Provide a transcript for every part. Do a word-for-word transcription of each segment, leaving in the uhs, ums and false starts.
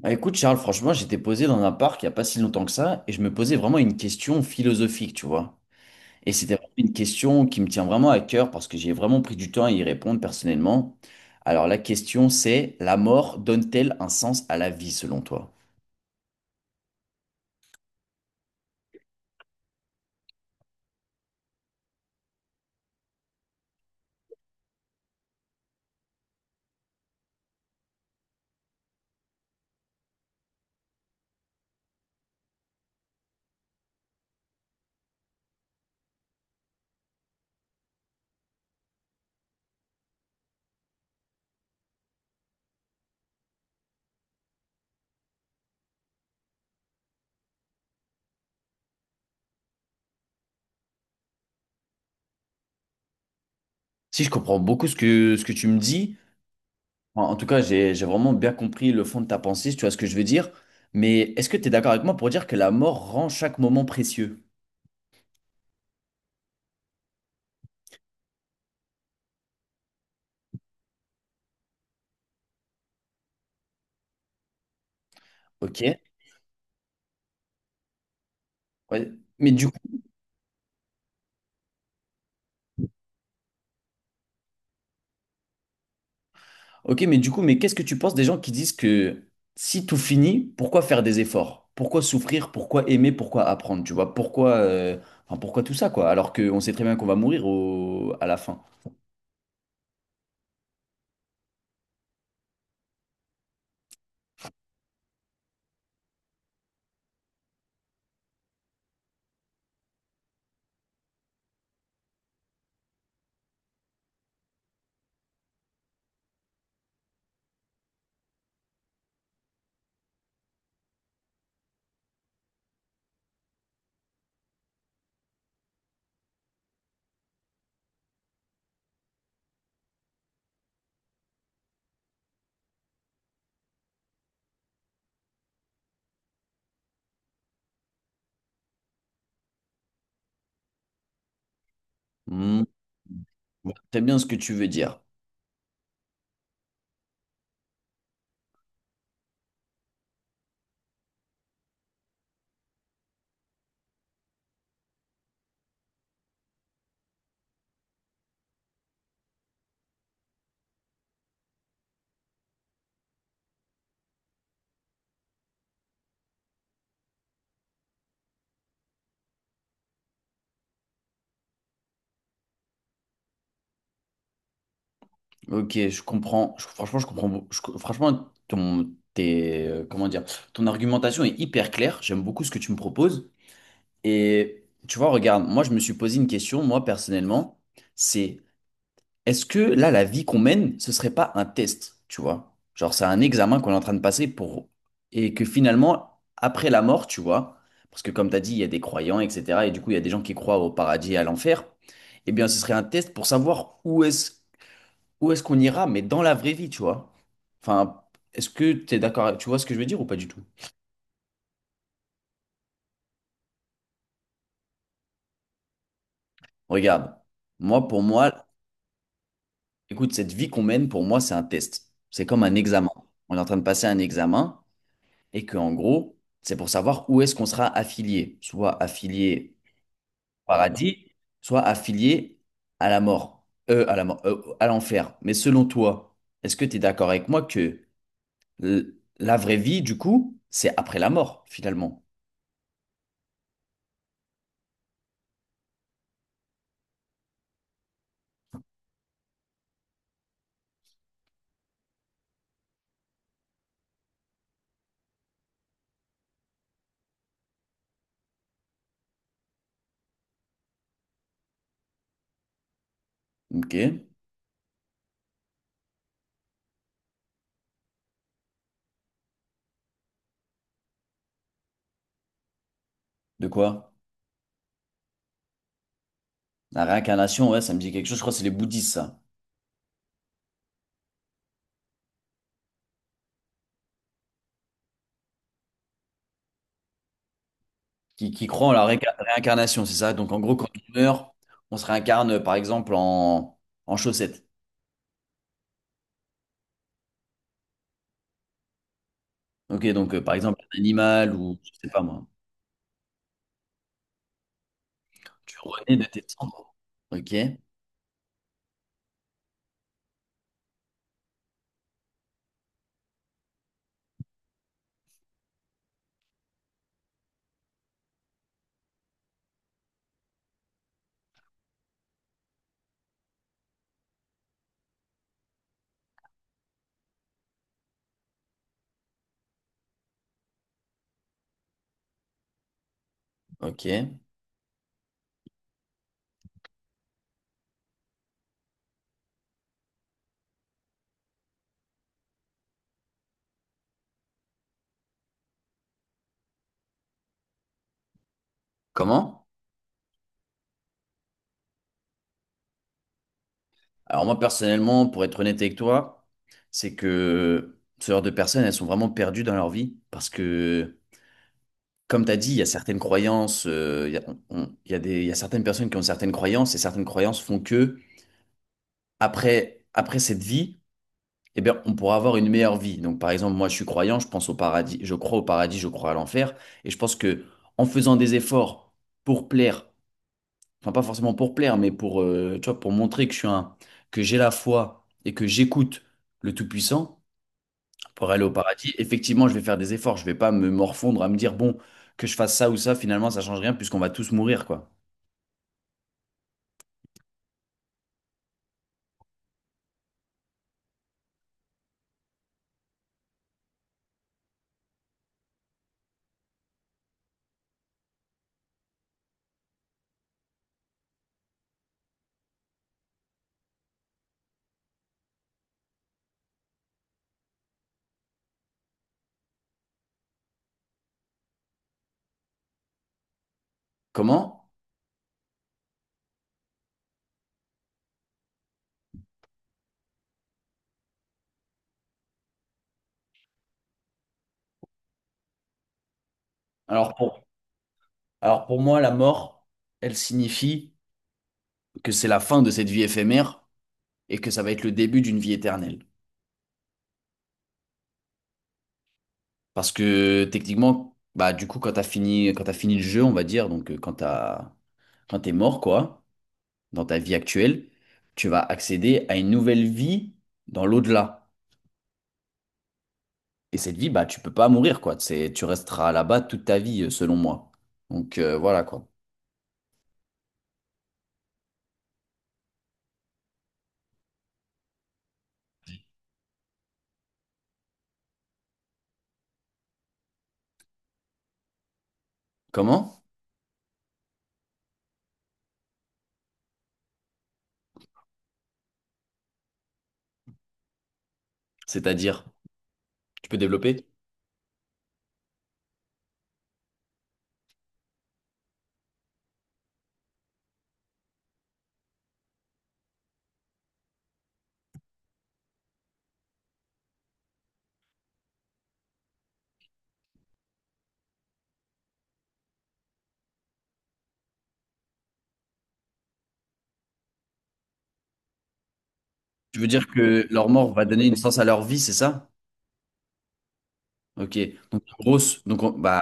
Bah écoute Charles, franchement, j'étais posé dans un parc il n'y a pas si longtemps que ça et je me posais vraiment une question philosophique, tu vois. Et c'était vraiment une question qui me tient vraiment à cœur parce que j'ai vraiment pris du temps à y répondre personnellement. Alors la question c'est, la mort donne-t-elle un sens à la vie selon toi? Si je comprends beaucoup ce que, ce que tu me dis, en, en tout cas j'ai, j'ai vraiment bien compris le fond de ta pensée, si tu vois ce que je veux dire, mais est-ce que tu es d'accord avec moi pour dire que la mort rend chaque moment précieux? Ok? Ouais. Mais du Ok, mais du coup, mais qu'est-ce que tu penses des gens qui disent que si tout finit, pourquoi faire des efforts? Pourquoi souffrir? Pourquoi aimer? Pourquoi apprendre? Tu vois, pourquoi, euh, enfin, pourquoi tout ça, quoi? Alors qu'on sait très bien qu'on va mourir au- à la fin. Hmm, je vois très bien ce que tu veux dire. Ok, je comprends. Je- franchement, je comprends. Beau- je- franchement, ton, tes, euh, comment dire, ton argumentation est hyper claire. J'aime beaucoup ce que tu me proposes. Et tu vois, regarde, moi, je me suis posé une question, moi, personnellement. C'est est-ce que là, la vie qu'on mène, ce serait pas un test, tu vois? Genre, c'est un examen qu'on est en train de passer pour... Et que finalement, après la mort, tu vois, parce que comme tu as dit, il y a des croyants, et cetera. Et du coup, il y a des gens qui croient au paradis et à l'enfer. Eh bien, ce serait un test pour savoir où est-ce où est-ce qu'on ira, mais dans la vraie vie, tu vois? Enfin, est-ce que tu es d'accord? Tu vois ce que je veux dire ou pas du tout? Regarde, moi, pour moi, écoute, cette vie qu'on mène, pour moi, c'est un test. C'est comme un examen. On est en train de passer un examen. Et que en gros, c'est pour savoir où est-ce qu'on sera affilié, soit affilié au paradis, soit affilié à la mort, euh, à la mort, euh, à l'enfer. Mais selon toi, est-ce que tu es d'accord avec moi que l- la vraie vie, du coup, c'est après la mort, finalement? Ok. De quoi? La réincarnation, ouais, ça me dit quelque chose. Je crois que c'est les bouddhistes, ça, qui, qui croient en la réinca- réincarnation, c'est ça? Donc, en gros, quand on meurt, on se réincarne, par exemple, en, en chaussettes. Ok, donc, euh, par exemple, un animal ou, je sais pas moi. Tu renais de tes cendres. Ok, ok. Comment? Alors moi personnellement, pour être honnête avec toi, c'est que ce genre de personnes, elles sont vraiment perdues dans leur vie parce que, comme tu as dit, il y a certaines croyances, euh, il y a, on- on- il y a des, il y a certaines personnes qui ont certaines croyances et certaines croyances font que après, après cette vie, eh bien, on pourra avoir une meilleure vie. Donc par exemple, moi je suis croyant, je pense au paradis, je crois au paradis, je crois à l'enfer et je pense que en faisant des efforts pour plaire enfin pas forcément pour plaire, mais pour, euh, tu vois, pour montrer que je suis un, que j'ai la foi et que j'écoute le Tout-Puissant pour aller au paradis, effectivement, je vais faire des efforts. Je vais pas me morfondre à me dire, bon, que je fasse ça ou ça, finalement, ça change rien puisqu'on va tous mourir, quoi. Comment? Alors pour, alors pour moi, la mort, elle signifie que c'est la fin de cette vie éphémère et que ça va être le début d'une vie éternelle. Parce que techniquement, bah du coup, quand t'as fini, quand t'as fini le jeu, on va dire, donc euh, quand t'as, quand t'es mort, quoi dans ta vie actuelle, tu vas accéder à une nouvelle vie dans l'au-delà. Et cette vie, bah, tu peux pas mourir, quoi. C'est, tu resteras là-bas toute ta vie, euh, selon moi. Donc euh, voilà, quoi. Comment? C'est-à-dire, tu peux développer? Tu veux dire que leur mort va donner une sens à leur vie, c'est ça? Ok. Donc grosse. Donc on- bah,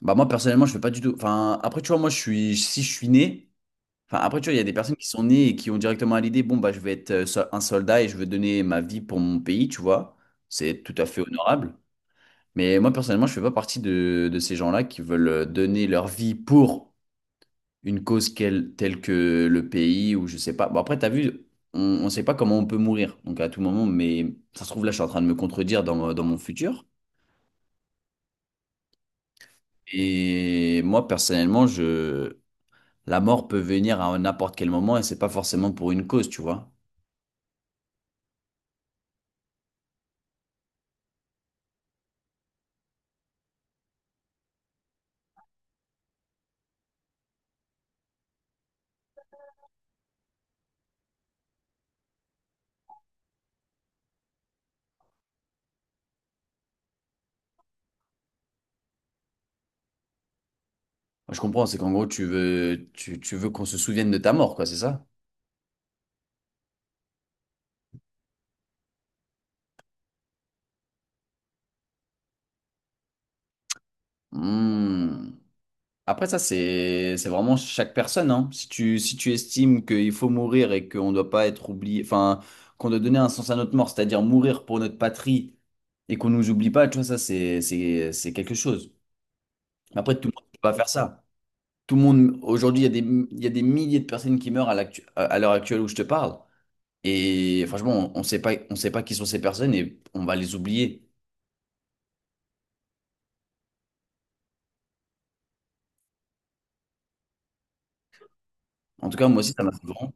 bah moi personnellement, je fais pas du tout. Enfin, après, tu vois, moi, je suis, si je suis né. Enfin, après, tu vois, il y a des personnes qui sont nées et qui ont directement à l'idée, bon, bah, je vais être euh, so- un soldat et je veux donner ma vie pour mon pays, tu vois. C'est tout à fait honorable. Mais moi, personnellement, je fais pas partie de, de ces gens-là qui veulent euh, donner leur vie pour une cause quelle- telle que le pays ou je sais pas. Bon, après, t'as vu, on ne sait pas comment on peut mourir, donc à tout moment, mais ça se trouve, là, je suis en train de me contredire dans, mon- dans mon futur. Et moi, personnellement, je... la mort peut venir à n'importe quel moment et c'est pas forcément pour une cause, tu vois. Moi, je comprends, c'est qu'en gros, tu veux, tu, tu veux qu'on se souvienne de ta mort, quoi, c'est ça? Hmm. Après ça, c'est c'est vraiment chaque personne, hein. Si tu, si tu estimes qu'il faut mourir et qu'on ne doit pas être oublié, enfin, qu'on doit donner un sens à notre mort, c'est-à-dire mourir pour notre patrie et qu'on nous oublie pas, tu vois, ça, c'est c'est- c'est quelque chose. Mais après, tout le monde ne peut pas faire ça. Tout le monde, aujourd'hui, il y a des, il y a des milliers de personnes qui meurent à l'actu- à- à l'heure actuelle où je te parle. Et franchement, on ne sait pas, on sait pas qui sont ces personnes et on va les oublier. En tout cas, moi aussi, ça m'a fait vraiment.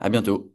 À bientôt.